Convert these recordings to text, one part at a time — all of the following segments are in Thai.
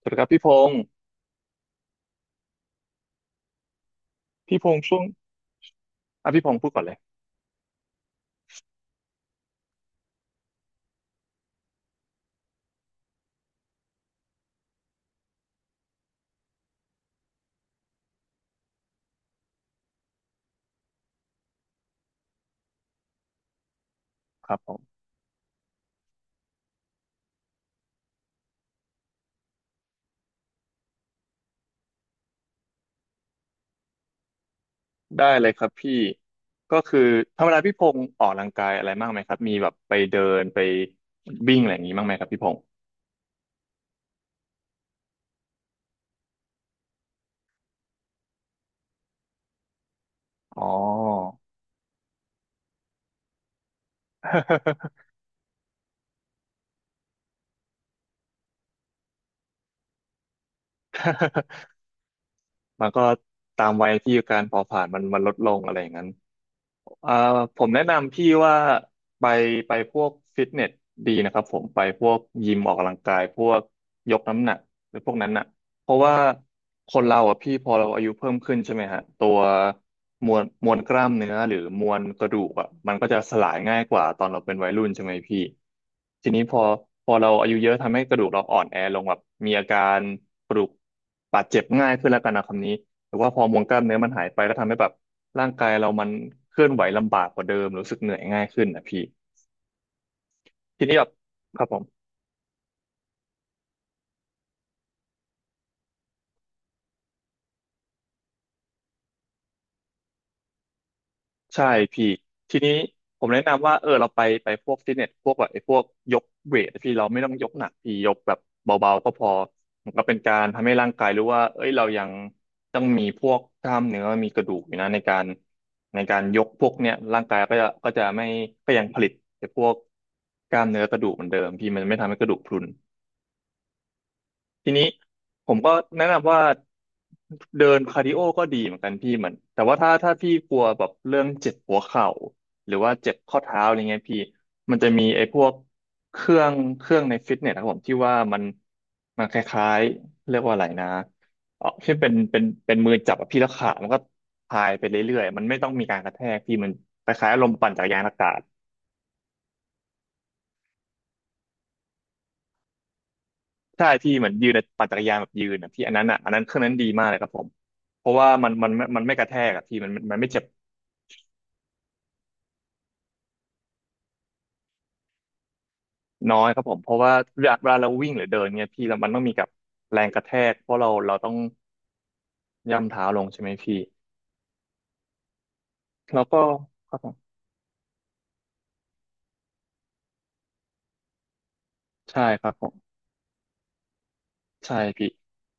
สวัสดีครับพี่พงศ์พี่พงศ์ช่วงอ่ะพี่พงศ์พูดก่อนเลยครับผมได้เลยครับพี่ก็คือธรรมดาพี่พงศ์ออกกำลังกายอะไรบ้างไหมครับมีแบบไปเดินไปวิ่งอะไรอย่างนี้บ้างไหมครับพี่พงศ์อ๋อ มันก็ตามวัยที่การเผาผลาญมันมันลดลงอะไรอย่างนั้น อ่าผมแนะนำพี่ว่าไปไปพวกฟิตเนสดีนะครับผมไปพวกยิมออกกำลังกายพวกยกน้ำหนักหรือพวกนั้นน่ะเพราะว่าคนเราอ่ะพี่พอเราอายุเพิ่มขึ้นใช่ไหมฮะตัวมวลกล้ามเนื้อหรือมวลกระดูกอ่ะมันก็จะสลายง่ายกว่าตอนเราเป็นวัยรุ่นใช่ไหมพี่ทีนี้พอเราอายุเยอะทำให้กระดูกเราอ่อนแอลงแบบมีอาการกระดูกบาดเจ็บง่ายขึ้นแล้วกันนะคำนี้หรือว่าพอมวลกล้ามเนื้อมันหายไปก็ทำให้แบบ ร่างกายเรามันเคลื่อนไหวลำบากกว่าเดิมรู้สึกเหนื่อยง่ายขึ้นนะพี่ทีนี้แบบครับผมใช่พี่ทีนี้ผมแนะนำว่าเราไปพวกฟิตเนสพวกแบบไอ้พวกยกเวทพี่เราไม่ต้องยกหนักพี่ยกแบบเบาๆก็พอมันก็เป็นการทำให้ร่างกายรู้ว่าเอ้ยเรายังต้องมีพวกกล้ามเนื้อมีกระดูกอยู่นะในการยกพวกเนี้ยร่างกายก็จะไม่ก็ยังผลิตไอ้พวกกล้ามเนื้อกระดูกเหมือนเดิมพี่มันไม่ทำให้กระดูกพรุน ทีนี้ผมก็แนะนำว่าเดินคาร์ดิโอก็ดีเหมือนกันพี่เหมือนแต่ว่าถ้าพี่กลัวแบบเรื่องเจ็บหัวเข่าหรือว่าเจ็บข้อเท้าอะไรเงี้ยพี่มันจะมีไอ้พวกเครื่องในฟิตเนสนะครับผมที่ว่ามันมันคล้ายๆเรียกว่าอะไรนะที่เป็นมือจับอะพี่แล้วขามันก็พายไปเรื่อยๆมันไม่ต้องมีการกระแทกพี่มันคล้ายๆลมปั่นจักรยานอากาศ ใช่ที่เหมือนยืนอะปั่นจักรยานแบบยืนอะพี่อันนั้นอ่ะอันนั้นเครื่องนั้นดีมากเลยครับผมเพราะว่ามันไม่กระแทกอ่ะพี่มันไม่เจ็บน้อยครับผมเพราะว่าเวลาเราวิ่งหรือเดินเนี่ยพี่เรามันต้องมีกับแรงกระแทกเพราะเราต้องย่ำเท้าลงใช่ไหมพี่แล้วก็ครับผมใช่ครับผม ใช่พี่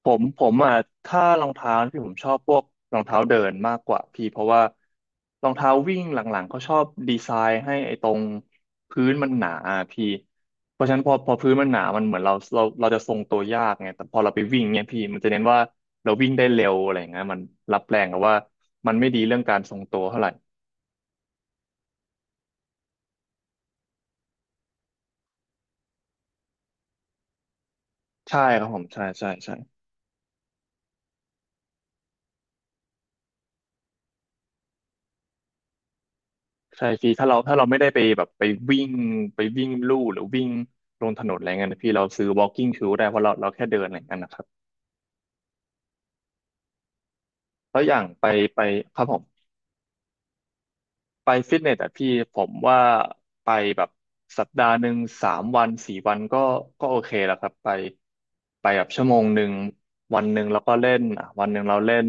ผมอ่ะถ้ารองเท้าพี่ผมชอบพวกรองเท้าเดินมากกว่าพี่เพราะว่ารองเท้าวิ่งหลังๆเขาชอบดีไซน์ให้ไอ้ตรงพื้นมันหนาอะพี่เพราะฉะนั้นพอพื้นมันหนามันเหมือนเราจะทรงตัวยากไงแต่พอเราไปวิ่งเนี่ยพี่มันจะเน้นว่าเราวิ่งได้เร็วอะไรอย่างเงี้ยมันรับแรงแต่ว่ามันไม่ดีเรื่องการทรงตัวเท่าไหร่ใช่ครับผมใช่ใช่ใช่ ใช่พี่ถ้าเราถ้าเราไม่ได้ไปแบบไปวิ่งวิ่งลู่หรือวิ่งลงถนนอะไรเงี้ยนะพี่เราซื้อ walking shoe ได้เพราะเราเราแค่เดินอะไรเงี้ยนะครับแล้วอย่างไปไปครับผม ไปฟิตเนสอ่ะพี่ผมว่าไปแบบสัปดาห์หนึ่งสามวันสี่วันก็ก็โอเคแล้วครับไปแบบชั่วโมงหนึ่งวันหนึ่งแล้วก็เล่นอ่ะวันหนึ่งเราเล่น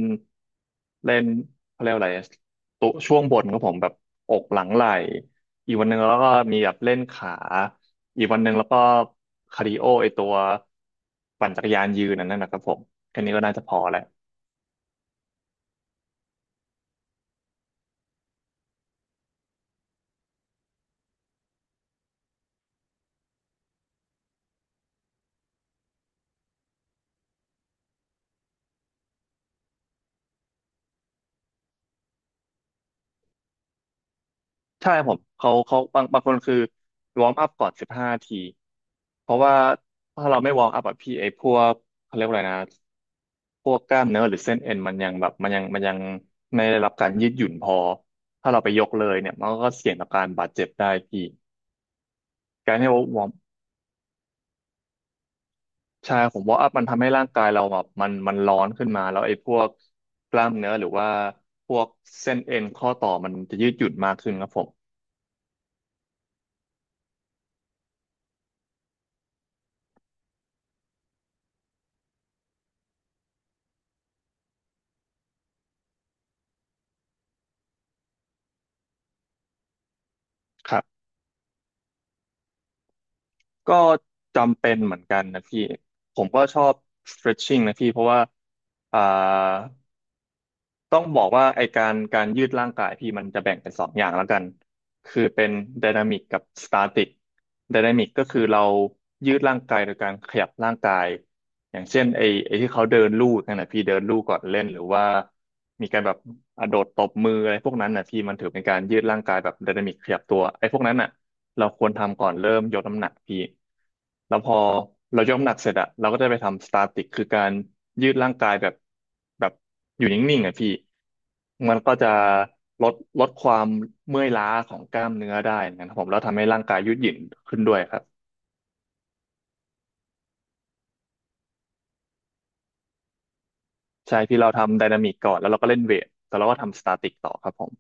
เล่นเขาเรียกว่าอะไรอะตัวช่วงบนของผมแบบอกหลังไหล่อีกวันหนึ่งแล้วก็มีแบบเล่นขาอีกวันหนึ่งแล้วก็คาร์ดิโอไอตัวปั่นจักรยานยืนอันนั่นนะครับผมแค่นี้ก็น่าจะพอแล้ว ใช่ผมเขาบางคนคือวอร์มอัพก่อน15 ทีเพราะว่าถ้าเราไม่วอร์มอัพอะพี่ไอ้พวกเขาเรียกว่าอะไรนะพวกกล้ามเนื้อหรือเส้นเอ็นมันยังแบบมันยังมันยังไม่ได้รับการยืดหยุ่นพอถ้าเราไปยกเลยเนี่ยมันก็เสี่ยงต่อการบาดเจ็บได้พี่การที่วอร์มใช่ผมวอร์มอัพมันทำให้ร่างกายเราแบบมันร้อนขึ้นมาแล้วไอ้พวกกล้ามเนื้อหรือว่าพวกเส้นเอ็นข้อต่อมันจะยืดหยุ่นมากขึ้นครับผม ก็จำเป็นเหมือนกันนะพี่ผมก็ชอบ stretching นะพี่เพราะว่าอ่าต้องบอกว่าไอการยืดร่างกายพี่มันจะแบ่งเป็นสองอย่างแล้วกันคือเป็นไดนามิกกับสตาติกไดนามิกก็คือเรายืดร่างกายโดยการขยับร่างกายอย่างเช่นไอที่เขาเดินลู่นั่นนะพี่เดินลู่ก่อนเล่นหรือว่ามีการแบบอ่ะโดดตบมืออะไรพวกนั้นนะพี่มันถือเป็นการยืดร่างกายแบบไดนามิกขยับตัวไอพวกนั้นน่ะ เราควรทำก่อนเริ่มยกน้ำหนักพี่แล้วพอเรายกน้ำหนักเสร็จอะเราก็จะไปทำสตาติกคือการยืดร่างกายแบบอยู่นิ่งๆอะพี่มันก็จะลดลดความเมื่อยล้าของกล้ามเนื้อได้นะครับผมแล้วทำให้ร่างกายยืดหยุ่นขึ้นด้วยครับใช่พี่เราทำไดนามิกก่อนแล้วเราก็เล่นเวทแต่เราก็ทำสตาติกต่อครับผม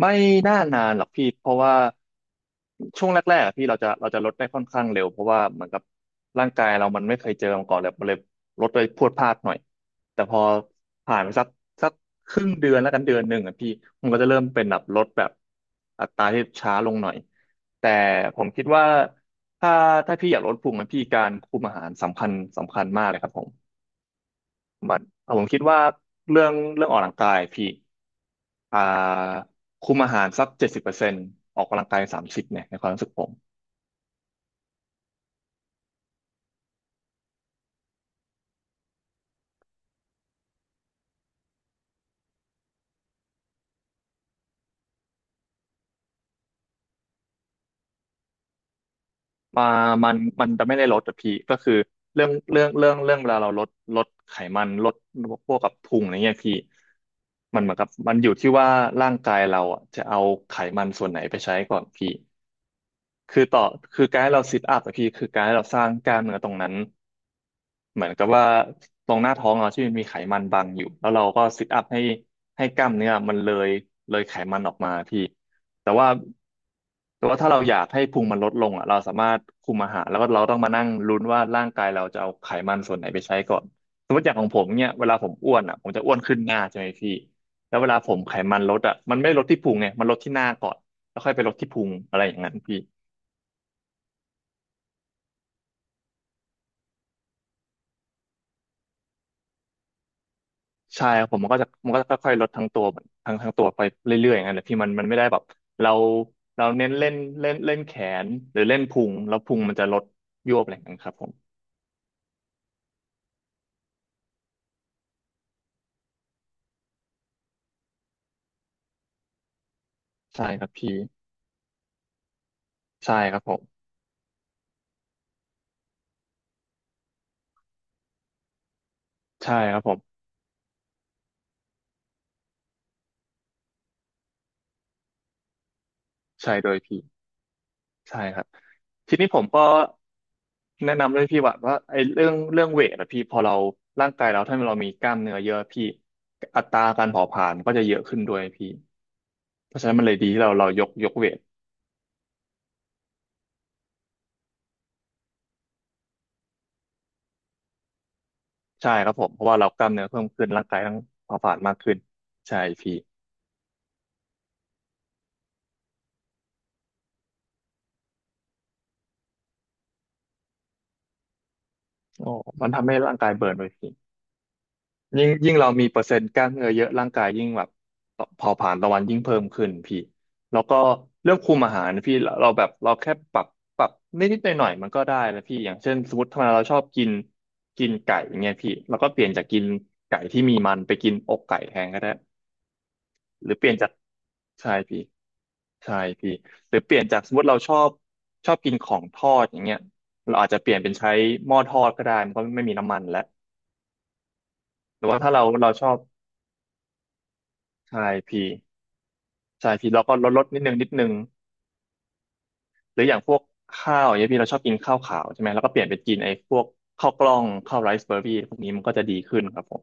ไม่น่านานหรอกพี่เพราะว่าช่วงแรกๆอะพี่เราจะลดได้ค่อนข้างเร็วเพราะว่าเหมือนกับร่างกายเรามันไม่เคยเจอมาก่อนเลยมันเลยลดไปพรวดพลาดหน่อยแต่พอผ่านไปสักครึ่งเดือนแล้วกันเดือนหนึ่งอ่ะพี่มันก็จะเริ่มเป็นแบบลดแบบอัตราที่ช้าลงหน่อยแต่ผมคิดว่าถ้าถ้าพี่อยากลดพุงนะพี่การคุมอาหารสำคัญมากเลยครับผม มันอ่ะผมคิดว่าเรื่องออกกำลังกายพี่อ่าคุมอาหารสัก70%ออกกำลังกาย30เนี่ยในความรู้สึกผมมามันจะไม่ได้ลดแต่พี่ก็คือเรื่องเวลาเราลดลดไขมันลดพวกกับพุงอะไรเงี้ยพี่มันเหมือนกับมันอยู่ที่ว่าร่างกายเราอ่ะจะเอาไขมันส่วนไหนไปใช้ก่อนพี่คือต่อคือการให้เราซิทอัพอะพี่คือการให้เราสร้างกล้ามเนื้อตรงนั้น เหมือนกับว่าตรงหน้าท้องเราที่มันมีไขมันบังอยู่แล้วเราก็ซิทอัพให้กล้ามเนื้อมันเลยไขมันออกมาพี่แต่ว่าถ้าเราอยากให้พุงมันลดลงอ่ะเราสามารถคุมอาหารแล้วก็เราต้องมานั่งลุ้นว่าร่างกายเราจะเอาไขมันส่วนไหนไปใช้ก่อนสมมติอย่างของผมเนี่ยเวลาผมอ้วนอ่ะผมจะอ้วนขึ้นหน้าใช่ไหมพี่แล้วเวลาผมไขมันลดอ่ะมันไม่ลดที่พุงไงมันลดที่หน้าก่อนแล้วค่อยไปลดที่พุงอะไรอย่างนั้นพี่ ใช่ครับผมมันก็จะค่อยๆลดทั้งตัวทั้งตัวไปเรื่อยๆอย่างนั้นแหละพี่มันไม่ได้แบบเราเราเน้นเล่นเล่นเล่นแขนหรือเล่นพุงแล้วพุงมันจะลดยวบอะไรอย่างนั้นครับผมใช่ครับพี่ใช่ครับผมใช่ครับผมใช่โดยพี่ใช่ครับทีนี้ผมก็แนะนำเลยพี่ว่าไอ้เรื่องเวทอะพี่พอเราร่างกายเราถ้าเรามีกล้ามเนื้อเยอะพี่อัตราการเผาผลาญก็จะเยอะขึ้นด้วยพี่เพราะฉะนั้นมันเลยดีที่เรายกเวท ใช่ครับผมเพราะว่าเรากล้ามเนื้อเพิ่มขึ้นร่างกายต้องเผาผลาญมากขึ้นใช่พี่โอ้มันทำให้ร่างกายเบิร์นไปพี่ยิ่งเรามีเปอร์เซ็นต์กล้ามเนื้อเยอะร่างกายยิ่งแบบเผาผลาญต่อวันยิ่งเพิ่มขึ้นพี่แล้วก็เรื่องคุมอาหารพี่เราแบบเราแค่ปรับนิดหน่อยมันก็ได้แล้วพี่อย่างเช่นสมมติทำไมเราชอบกินกินไก่อย่างเงี้ยพี่เราก็เปลี่ยนจากกินไก่ที่มีมันไปกินอกไก่แทนก็ได้หรือเปลี่ยนจากใช่พี่ ใช่พี่หรือเปลี่ยนจากสมมติเราชอบกินของทอดอย่างเงี้ยเราอาจจะเปลี่ยนเป็นใช้หม้อทอดก็ได้มันก็ไม่มีน้ำมันแล้วหรือว่าถ้าเราชอบใช่พี่ใช่พี่เราก็ลดนิดนึงหรืออย่างพวกข้าวอย่างเงี้ยพี่เราชอบกินข้าวขาวใช่ไหมแล้วก็เปลี่ยนไปกินไอ้พวกข้าวกล้องข้าวไรซ์เบอร์รี่พวกนี้มันก็จะดีขึ้นครับผม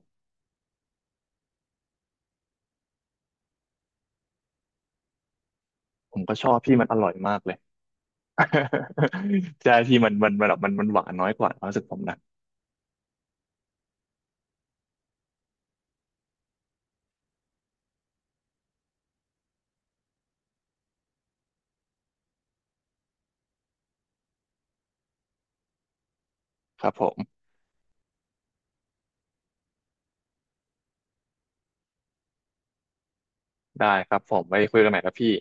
ผมก็ชอบพี่มันอร่อยมากเลย ใช่พี่มันแบบมันหวานน้อยกว่าความรู้สึกผมนะครับผมได้ครับผมไว้คุยกันใหม่ครับพี่